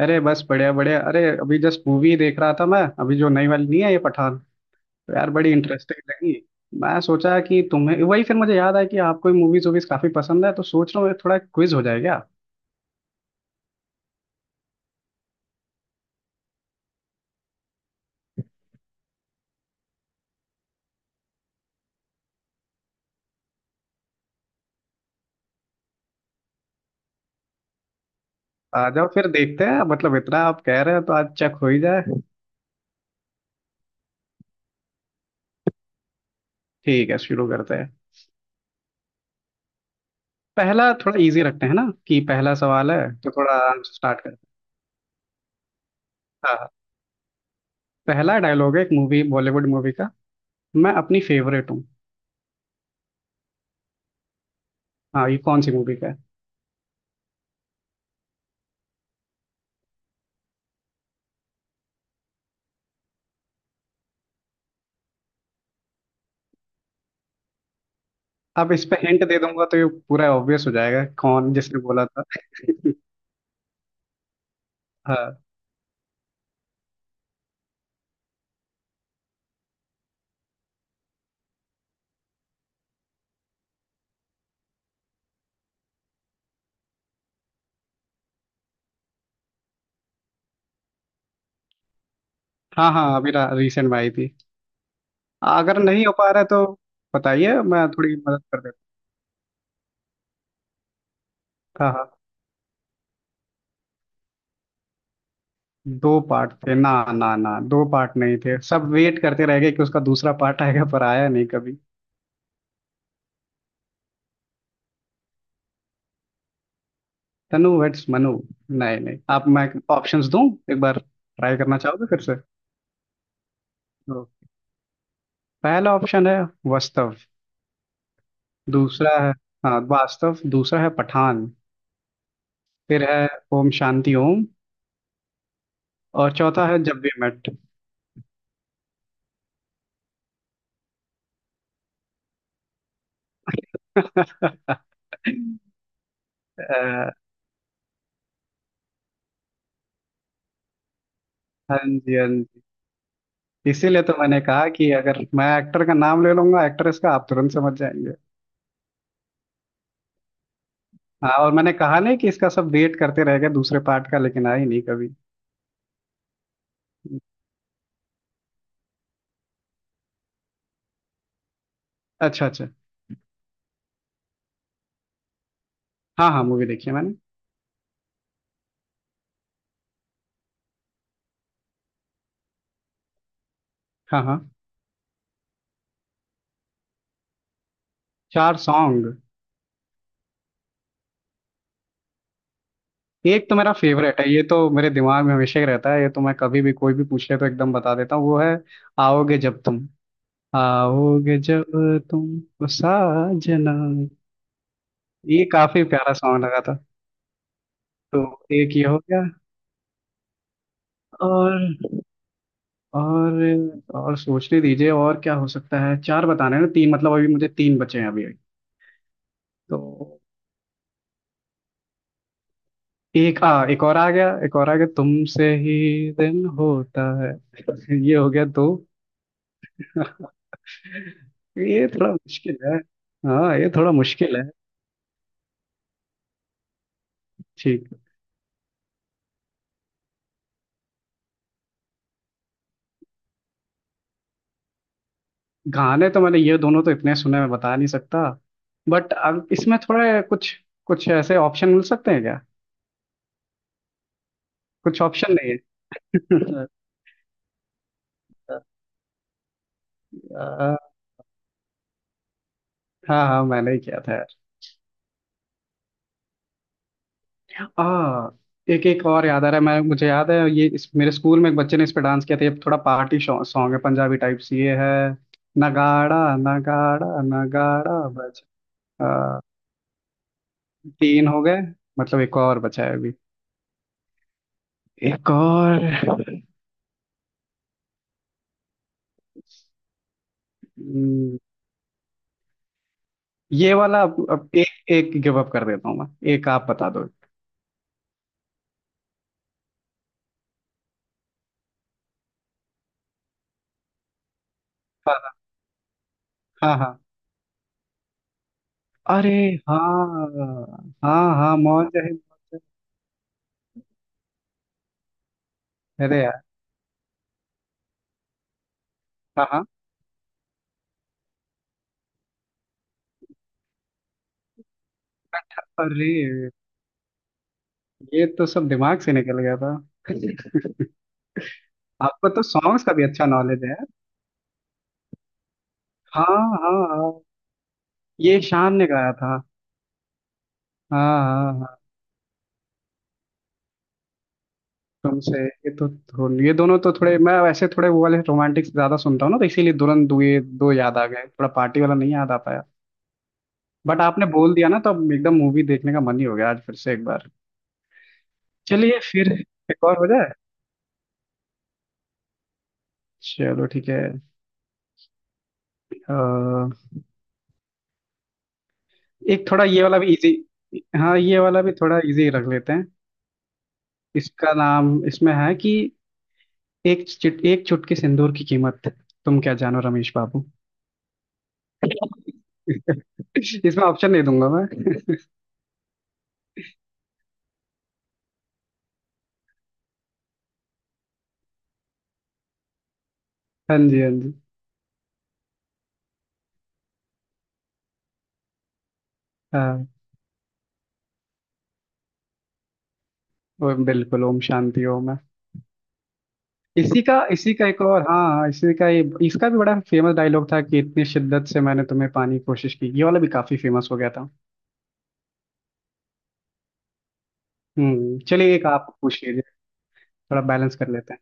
अरे बस बढ़िया बढ़िया। अरे अभी जस्ट मूवी देख रहा था मैं, अभी जो नई वाली नहीं है ये पठान। तो यार बड़ी इंटरेस्टिंग लगी। मैं सोचा कि तुम्हें वही, फिर मुझे याद आया कि आपको मूवीज वूवीज काफी पसंद है, तो सोच रहा हूँ थोड़ा क्विज हो जाए क्या। आ जाओ फिर देखते हैं। मतलब इतना आप कह रहे हो तो आज चेक हो ही जाए। ठीक है, शुरू करते हैं। पहला थोड़ा इजी रखते हैं ना, कि पहला सवाल है तो थोड़ा आराम से स्टार्ट करते हैं। हाँ हाँ। पहला डायलॉग है एक मूवी, बॉलीवुड मूवी का। मैं अपनी फेवरेट हूँ। हाँ, ये कौन सी मूवी का है? अब इस पे हिंट दे दूंगा तो ये पूरा ऑब्वियस हो जाएगा कौन जिसने बोला था। हाँ हाँ हाँ, अभी रिसेंट में आई थी। अगर नहीं हो पा रहा है तो बताइए, मैं थोड़ी मदद कर देता। हाँ हाँ। दो पार्ट थे? ना ना ना, दो पार्ट नहीं थे। सब वेट करते रह गए कि उसका दूसरा पार्ट आएगा, पर आया नहीं कभी। तनु वेट्स मनु। नहीं नहीं, आप, मैं ऑप्शंस दूं? एक बार ट्राई करना चाहोगे फिर से? तो पहला ऑप्शन है वास्तव। दूसरा है, हाँ वास्तव। दूसरा है पठान। फिर है ओम शांति ओम। और चौथा है जब वी मेट। अ, हाँ जी, हाँ जी। इसीलिए तो मैंने कहा कि अगर मैं एक्टर का नाम ले लूंगा, एक्ट्रेस का, आप तुरंत समझ जाएंगे। हाँ, और मैंने कहा नहीं कि इसका सब वेट करते रह गए दूसरे पार्ट का, लेकिन आई नहीं कभी। अच्छा अच्छा। हाँ हाँ, मूवी देखी है मैंने। हाँ हाँ। चार सॉन्ग? एक तो मेरा फेवरेट है, ये तो मेरे दिमाग में हमेशा ही रहता है, ये तो मैं कभी भी कोई भी पूछ ले तो एकदम बता देता हूँ। वो है आओगे जब तुम, आओगे जब तुम ओ साजना। ये काफी प्यारा सॉन्ग लगा था। तो एक ये हो गया। और, और और सोचने दीजिए और क्या हो सकता है। चार बताने हैं ना, तीन मतलब अभी मुझे तीन बचे हैं अभी अभी। तो एक आ, एक और आ गया, एक और आ गया तुमसे ही। दिन होता है। ये हो गया दो। ये थोड़ा मुश्किल है। हाँ, ये थोड़ा मुश्किल है। ठीक। गाने तो मैंने ये दोनों तो इतने सुने, मैं बता नहीं सकता। बट अब इसमें थोड़ा कुछ कुछ ऐसे ऑप्शन मिल सकते हैं क्या? कुछ ऑप्शन नहीं है? अ, हाँ हाँ, मैंने ही किया था यार। आ, एक एक और याद आ रहा है। मैं मुझे याद है ये, मेरे स्कूल में एक बच्चे ने इस पे डांस किया था। ये थोड़ा पार्टी सॉन्ग है, पंजाबी टाइप्स ये है। नगाड़ा नगाड़ा नगाड़ा बज। आ, तीन हो गए। मतलब एक और बचा है अभी। एक और। हम्म, ये वाला अब, एक एक गिव अप कर देता हूँ मैं। एक आप बता दो। हाँ हाँ हाँ। अरे हाँ हाँ हाँ, मौज है मौज है। अरे यार। हाँ हाँ। अरे, ये तो सब दिमाग से निकल गया था। आपको तो सॉन्ग्स का भी अच्छा नॉलेज है। हाँ हाँ हाँ, ये शान ने गाया था। हाँ हाँ हाँ। तुमसे, ये दोनों तो थोड़े, मैं वैसे थोड़े वो वाले रोमांटिक ज्यादा सुनता हूँ ना, तो इसीलिए तुरंत दो ये दो याद आ गए। थोड़ा पार्टी वाला नहीं याद आ पाया। बट आपने बोल दिया ना, तो अब एकदम मूवी देखने का मन ही हो गया आज फिर से एक बार। चलिए फिर एक और हो जाए। चलो ठीक है। अ, एक थोड़ा ये वाला भी इजी। हाँ, ये वाला भी थोड़ा इजी रख लेते हैं। इसका नाम, इसमें है कि, एक चुटकी सिंदूर की कीमत तुम क्या जानो रमेश बाबू। इसमें ऑप्शन नहीं दूंगा मैं। हाँ जी, हाँ जी। हाँ, वो बिल्कुल ओम शांति ओम है। इसी का एक और, हाँ इसी का ये, इसका भी बड़ा फेमस डायलॉग था कि इतनी शिद्दत से मैंने तुम्हें पाने की कोशिश की। ये वाला भी काफी फेमस हो गया था। चलिए, एक आप पूछ लीजिए। थोड़ा बैलेंस कर लेते हैं।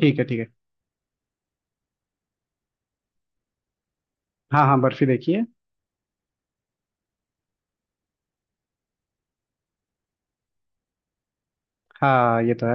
ठीक है, ठीक है। हाँ हाँ, बर्फी देखिए। हाँ ये तो है।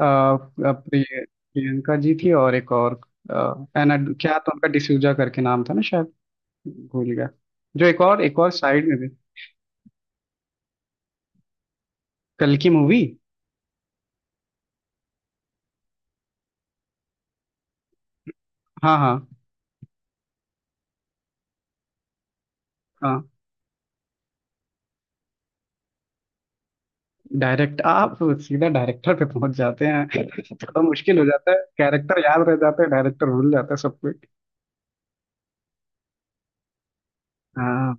अ, अ, प्रिय, प्रियंका जी थी, और एक और अ, एना क्या, तो उनका डिसूजा करके नाम था ना शायद। भूल गया। जो एक और साइड में भी। कल की मूवी। हाँ हाँ हाँ। डायरेक्ट आप सीधा डायरेक्टर पे पहुंच जाते हैं। थोड़ा मुश्किल हो जाता है, कैरेक्टर याद रह जाता है, डायरेक्टर भूल जाता है सब कुछ। हाँ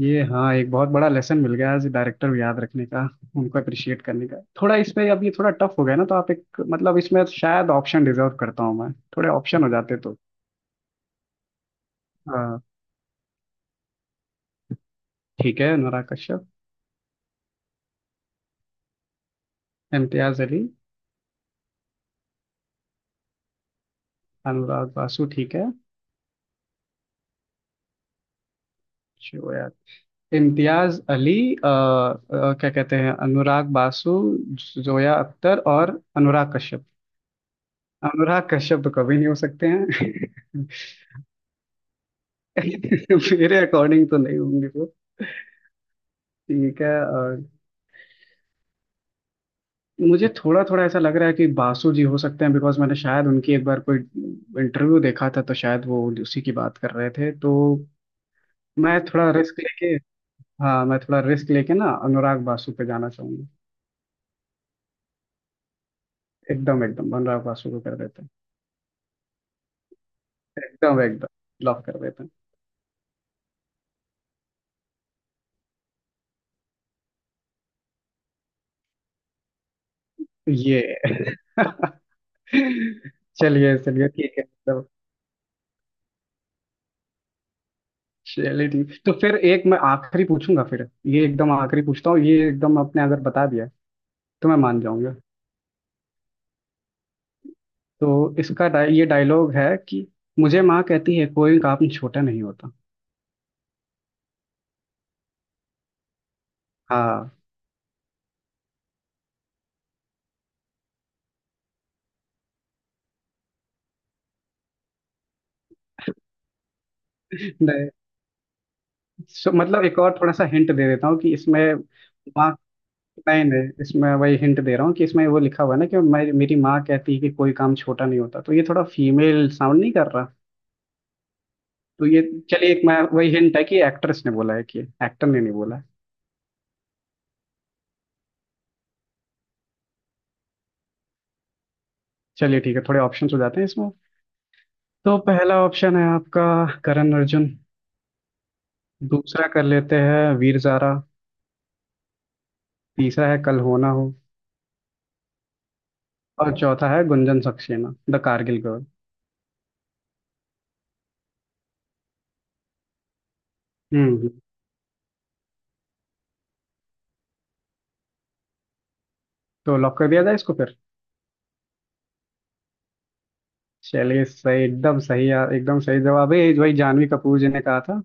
ये, हाँ एक बहुत बड़ा लेसन मिल गया आज डायरेक्टर को याद रखने का, उनको अप्रिशिएट करने का। थोड़ा इसमें, अब ये थोड़ा टफ हो गया ना, तो आप एक मतलब इसमें शायद ऑप्शन डिजर्व करता हूँ मैं, थोड़े ऑप्शन हो जाते तो। हाँ। ठीक है, अनुराग कश्यप। इम्तियाज अली। अनुराग बासु ठीक है। जो यार। इम्तियाज अली, क्या कहते हैं, अनुराग बासु, जोया अख्तर और अनुराग कश्यप। अनुराग कश्यप तो कभी नहीं हो सकते हैं। मेरे अकॉर्डिंग तो नहीं होंगे वो। ठीक है, और मुझे थोड़ा थोड़ा ऐसा लग रहा है कि बासु जी हो सकते हैं, बिकॉज मैंने शायद उनकी एक बार कोई इंटरव्यू देखा था, तो शायद वो उसी की बात कर रहे थे। तो मैं थोड़ा रिस्क लेके, हाँ मैं थोड़ा रिस्क लेके ना अनुराग बासु पे जाना चाहूंगा। एकदम एकदम, अनुराग बासु को कर देते हैं। एकदम एकदम, लॉक कर देते हैं। ये। चलिए चलिए ठीक है, मतलब चलिए ठीक। तो फिर एक मैं आखिरी पूछूंगा, फिर ये एकदम आखिरी पूछता हूँ। ये एकदम आपने अगर बता दिया तो मैं मान जाऊंगा। तो इसका, ये डायलॉग है कि, मुझे माँ कहती है कोई काम छोटा नहीं होता। हाँ। नहीं। मतलब एक और थोड़ा सा हिंट दे देता हूँ कि इसमें माँ। नहीं नहीं, इसमें वही हिंट दे रहा हूँ कि इसमें वो लिखा हुआ है ना कि, मैं मेरी माँ कहती है कि कोई काम छोटा नहीं होता, तो ये थोड़ा फीमेल साउंड नहीं कर रहा। तो ये चलिए, एक मैं वही हिंट है कि एक्ट्रेस ने बोला है, कि एक्टर ने नहीं बोला है। चलिए ठीक है, थोड़े ऑप्शंस हो जाते हैं इसमें। तो पहला ऑप्शन है आपका करण अर्जुन। दूसरा कर लेते हैं वीर ज़ारा। तीसरा है कल हो ना हो। और चौथा है गुंजन सक्सेना द कारगिल गर्ल। हम्म। तो लॉक कर दिया जाए इसको फिर। चलिए सही, एकदम सही यार, एकदम सही जवाब है ये। जो ही जानवी कपूर जी ने कहा था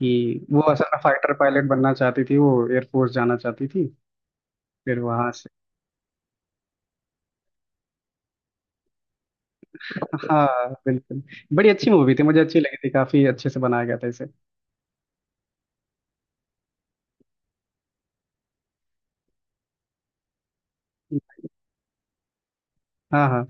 कि वो असल में फाइटर पायलट बनना चाहती थी, वो एयरफोर्स जाना चाहती थी। फिर वहां से, हाँ बिल्कुल, बड़ी अच्छी मूवी थी, मुझे अच्छी लगी थी, काफी अच्छे से बनाया गया था इसे। हाँ हाँ।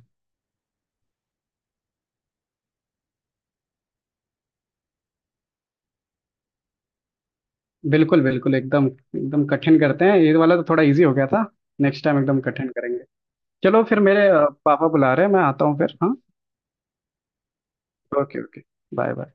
बिल्कुल बिल्कुल, एकदम एकदम कठिन करते हैं। ये वाला तो थोड़ा इजी हो गया था। नेक्स्ट टाइम एकदम कठिन करेंगे। चलो फिर, मेरे पापा बुला रहे हैं, मैं आता हूँ फिर। हाँ, ओके ओके। Bye bye.